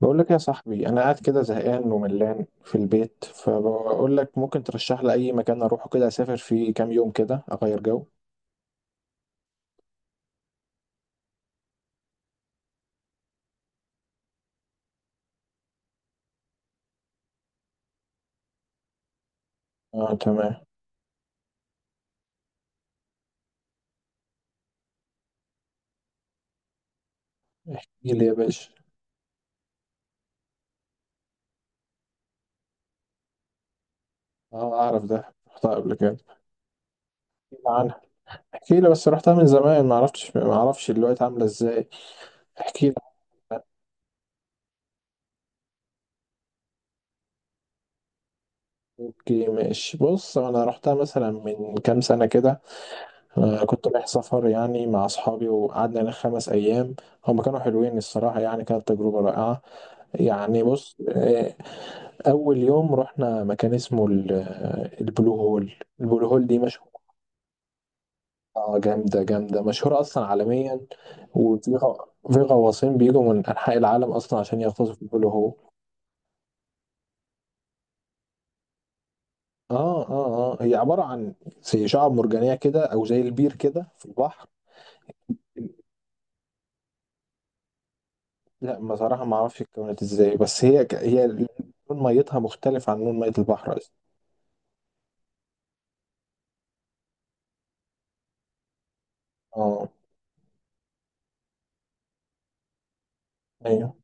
بقول لك يا صاحبي، انا قاعد كده زهقان وملان في البيت، فبقول لك ممكن ترشح لي اي مكان اروحه كده اسافر فيه كام يوم كده اغير جو. اه، تمام. احكي لي يا باشا. اه، اعرف ده، رحتها قبل كده. احكي لي عنها. احكي لي، بس رحتها من زمان، ما عرفتش ما اعرفش دلوقتي عامله ازاي. احكي لي. اوكي، ماشي، بص، انا رحتها مثلا من كام سنه كده. كنت رايح سفر يعني مع اصحابي، وقعدنا هناك خمس ايام. هم كانوا حلوين الصراحه، يعني كانت تجربه رائعه. يعني بص. اول يوم رحنا مكان اسمه البلو هول. البلو هول دي مشهوره. جامده جامده، مشهوره اصلا عالميا. وفي غ- في غواصين بيجوا من انحاء العالم اصلا عشان يغطسوا في البلو هول. اه هي عباره عن زي شعاب مرجانيه كده، او زي البير كده في البحر. لا بصراحه ما اعرفش اتكونت ازاي، بس هي لون ميتها مختلف عن لون ميه البحر اصلا. اه، ايوه،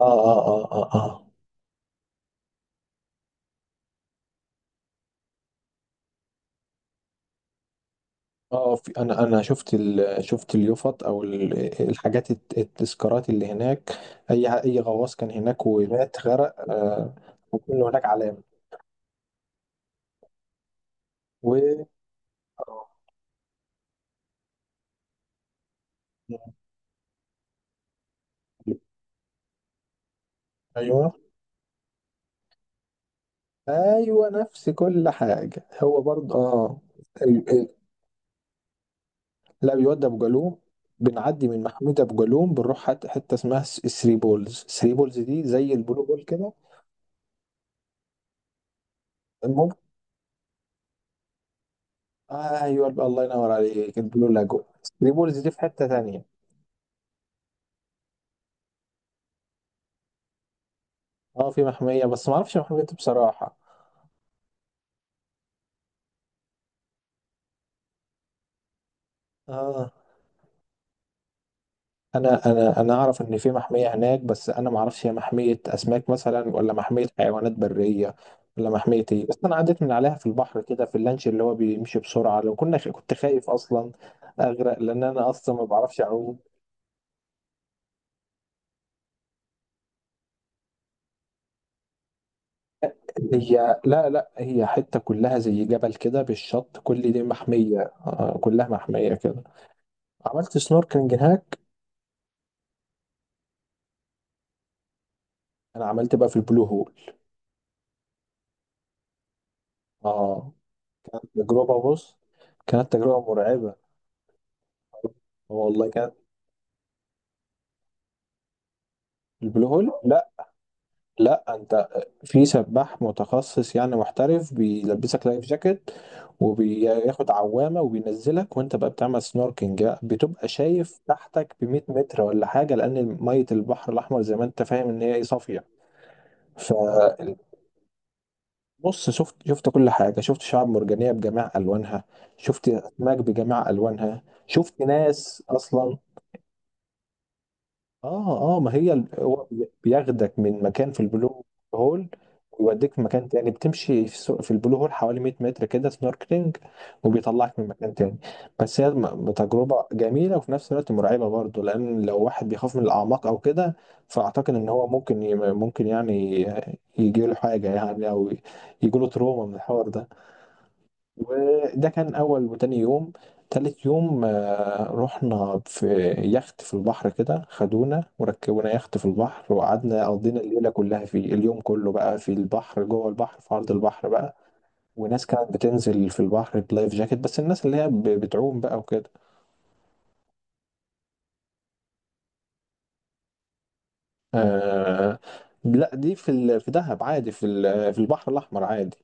اه اه اه اه، آه. اه، في انا شفت شفت اليوفط او الحاجات التذكارات اللي هناك. اي غواص كان هناك ومات غرق، آه. وكل هناك علامه. و آه. ايوه، ايوه، نفس كل حاجه هو برضه، اه. ال... ال... لا، بيودي ابو جالوم. بنعدي من محمود ابو جالوم بنروح حته اسمها ثري بولز، ثري بولز دي زي البلو بول كده. المهم، ايوه الله ينور عليك، البلو لاجو. ثري بولز دي في حته تانيه. اه، في محمية، بس ما اعرفش محمية إيه بصراحة. اه، انا اعرف ان في محمية هناك، بس انا ما اعرفش هي محمية اسماك مثلا، ولا محمية حيوانات برية. ولا محمية ايه، بس انا عديت من عليها في البحر كده في اللانش اللي هو بيمشي بسرعة، لو كنت خايف اصلا اغرق، لان انا اصلا ما بعرفش اعوم. هي، لا لا، هي حتة كلها زي جبل كده بالشط، كل دي محمية. آه، كلها محمية كده. عملت سنوركلينج هناك. انا عملت بقى في البلو هول. اه. تجربة، بص. كانت تجربة مرعبة. والله كانت. البلو هول، لا. لا، انت. في سباح متخصص يعني، محترف بيلبسك لايف جاكيت. وبياخد عوامة وبينزلك، وانت بقى بتعمل سنوركينج بقى، بتبقى شايف تحتك ب 100 متر ولا حاجة، لأن مية البحر الأحمر زي ما انت فاهم ان هي ايه، صافية. فبص. شفت كل حاجة، شفت شعاب مرجانية بجميع ألوانها. شفت أسماك بجميع ألوانها، شفت ناس أصلا. اه ما هي هو بياخدك من مكان في البلو هول. ويوديك في مكان تاني، بتمشي في البلو هول حوالي 100 متر كده سنوركلينج. وبيطلعك من مكان تاني. بس تجربة جميلة، وفي نفس الوقت مرعبة برضه، لأن لو واحد بيخاف من الأعماق أو كده. فأعتقد إن هو ممكن يعني. يجيله حاجة يعني، أو. يجيله تروما من الحوار ده. ده كان أول وتاني يوم. تالت يوم رحنا في يخت في البحر كده، خدونا وركبونا يخت في البحر، وقعدنا قضينا الليلة كلها فيه، اليوم كله بقى في البحر جوه البحر في عرض البحر بقى. وناس كانت بتنزل في البحر بلايف جاكيت، بس الناس اللي هي بتعوم بقى وكده. آه لا، دي في دهب عادي، في البحر الأحمر عادي.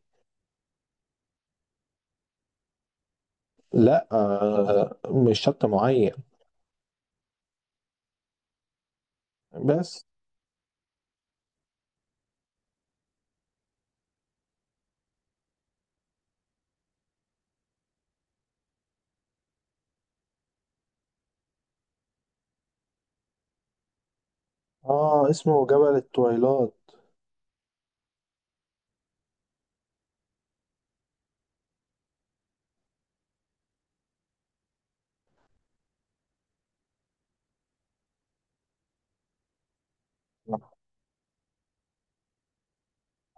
لا، مش شط معين. بس، اه اسمه جبل التويلات.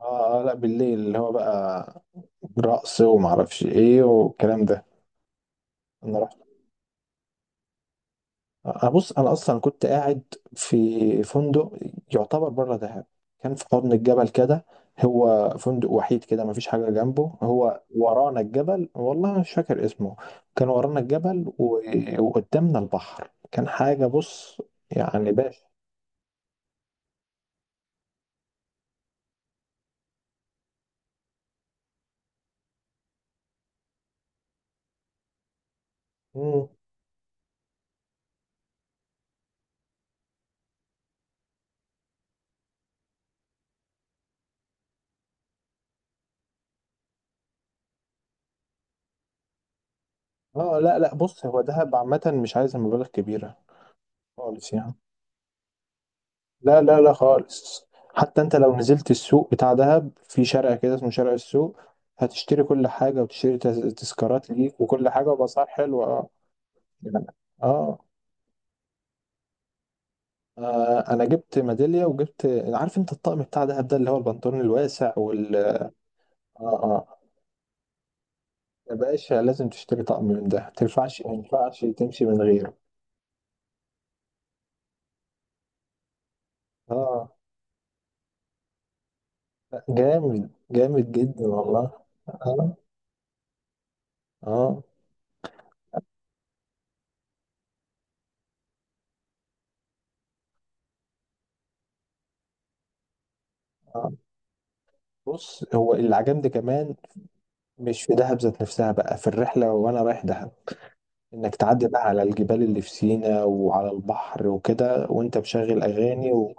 اه لا، بالليل اللي هو بقى رقص ومعرفش ايه والكلام ده. انا رحت. انا، بص، انا اصلا كنت قاعد في فندق، يعتبر بره دهب. كان في حضن الجبل كده. هو فندق وحيد كده، مفيش حاجه جنبه، هو ورانا الجبل، والله مش فاكر اسمه. كان ورانا الجبل. وقدامنا البحر، كان حاجه، بص. يعني باشا. مم. اه، لا لا، بص، هو دهب عامه مش عايزه مبالغ كبيره خالص يعني. لا لا لا، خالص. حتى انت لو نزلت السوق بتاع دهب في شارع كده اسمه شارع السوق، هتشتري كل حاجة وتشتري تذكارات ليك وكل حاجة وبأسعار حلوة، اه. يعني، اه. انا جبت ميدالية، وجبت. عارف انت الطقم بتاع دهب ده اللي هو البنطلون الواسع وال اه اه، يا باشا لازم تشتري طقم من ده، ما تنفعش ما ينفعش تمشي من غيره. اه، جامد جامد جدا والله. اه، اه، آه. بص، هو اللي عجبني كمان، مش في دهب ذات نفسها، بقى في الرحلة وأنا رايح دهب، إنك تعدي بقى على الجبال اللي في سينا وعلى البحر وكده، وأنت مشغل أغاني.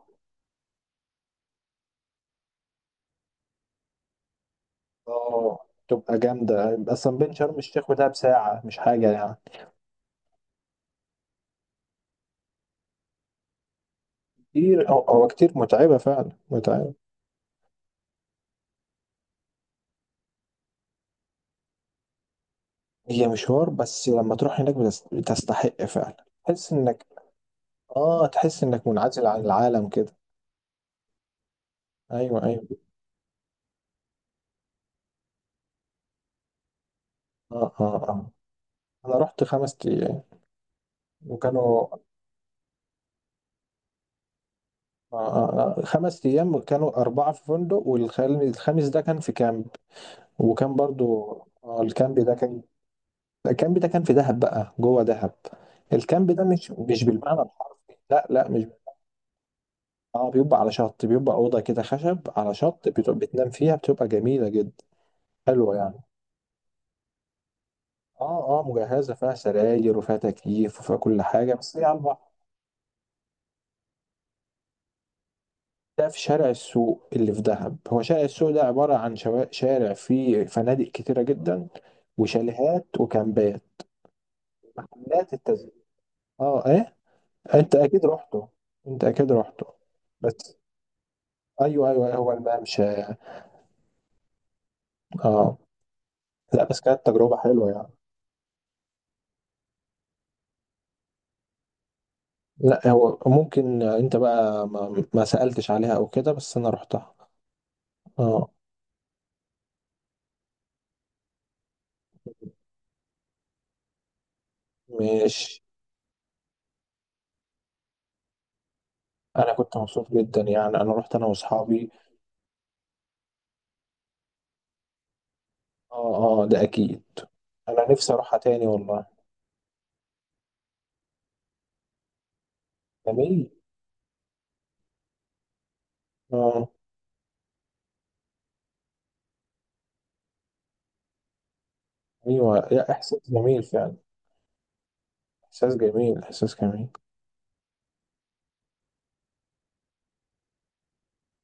آه تبقى جامدة أصلا، بين شرم الشيخ ودهب ساعة، مش حاجة يعني. كتير، هو كتير، متعبة فعلا متعبة. هي مشوار، بس لما تروح هناك بتستحق فعلا، تحس إنك. تحس إنك منعزل عن العالم كده. أيوه، أيوه. آه، آه، آه. أنا رحت خمس أيام. وكانوا. خمس أيام كانوا أربعة في فندق، والخامس ده كان في كامب. وكان برضو. الكامب ده كان. الكامب ده كان في دهب بقى، جوه دهب. الكامب ده مش بالمعنى الحرفي، لا لا، مش. اه، بيبقى على شط، بيبقى أوضة كده خشب على شط بتنام فيها، بتبقى جميلة جدا حلوة يعني. اه مجهزة، فيها سراير وفيها تكييف وفيها كل حاجة، بس هي على البحر. ده في شارع السوق اللي في دهب، هو شارع السوق ده عبارة عن شارع فيه فنادق كتيرة جدا، وشاليهات وكامبات. كامبات التزويق. اه، ايه. انت اكيد رحته. انت اكيد رحته. بس، ايوه ايوه أيوه، هو الممشى. اه، لا، بس كانت تجربة حلوة يعني. لا، هو ممكن انت بقى ما سألتش عليها او كده، بس انا رحتها. اه، مش. انا كنت مبسوط جدا يعني، انا رحت انا واصحابي. اه، اه، ده اكيد. انا نفسي اروحها تاني والله. جميل. اه. ايوه، لا احساس جميل فعلا. احساس جميل، احساس جميل.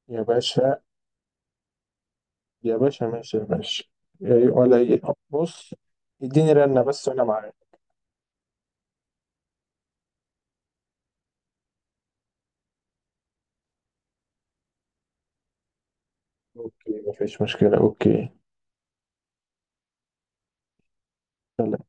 يا باشا. يا باشا، ماشي يا باشا. إيه ولا إيه. بص، اديني رنة بس وانا معاك. اوكي، مفيش مشكلة، اوكي. يلا.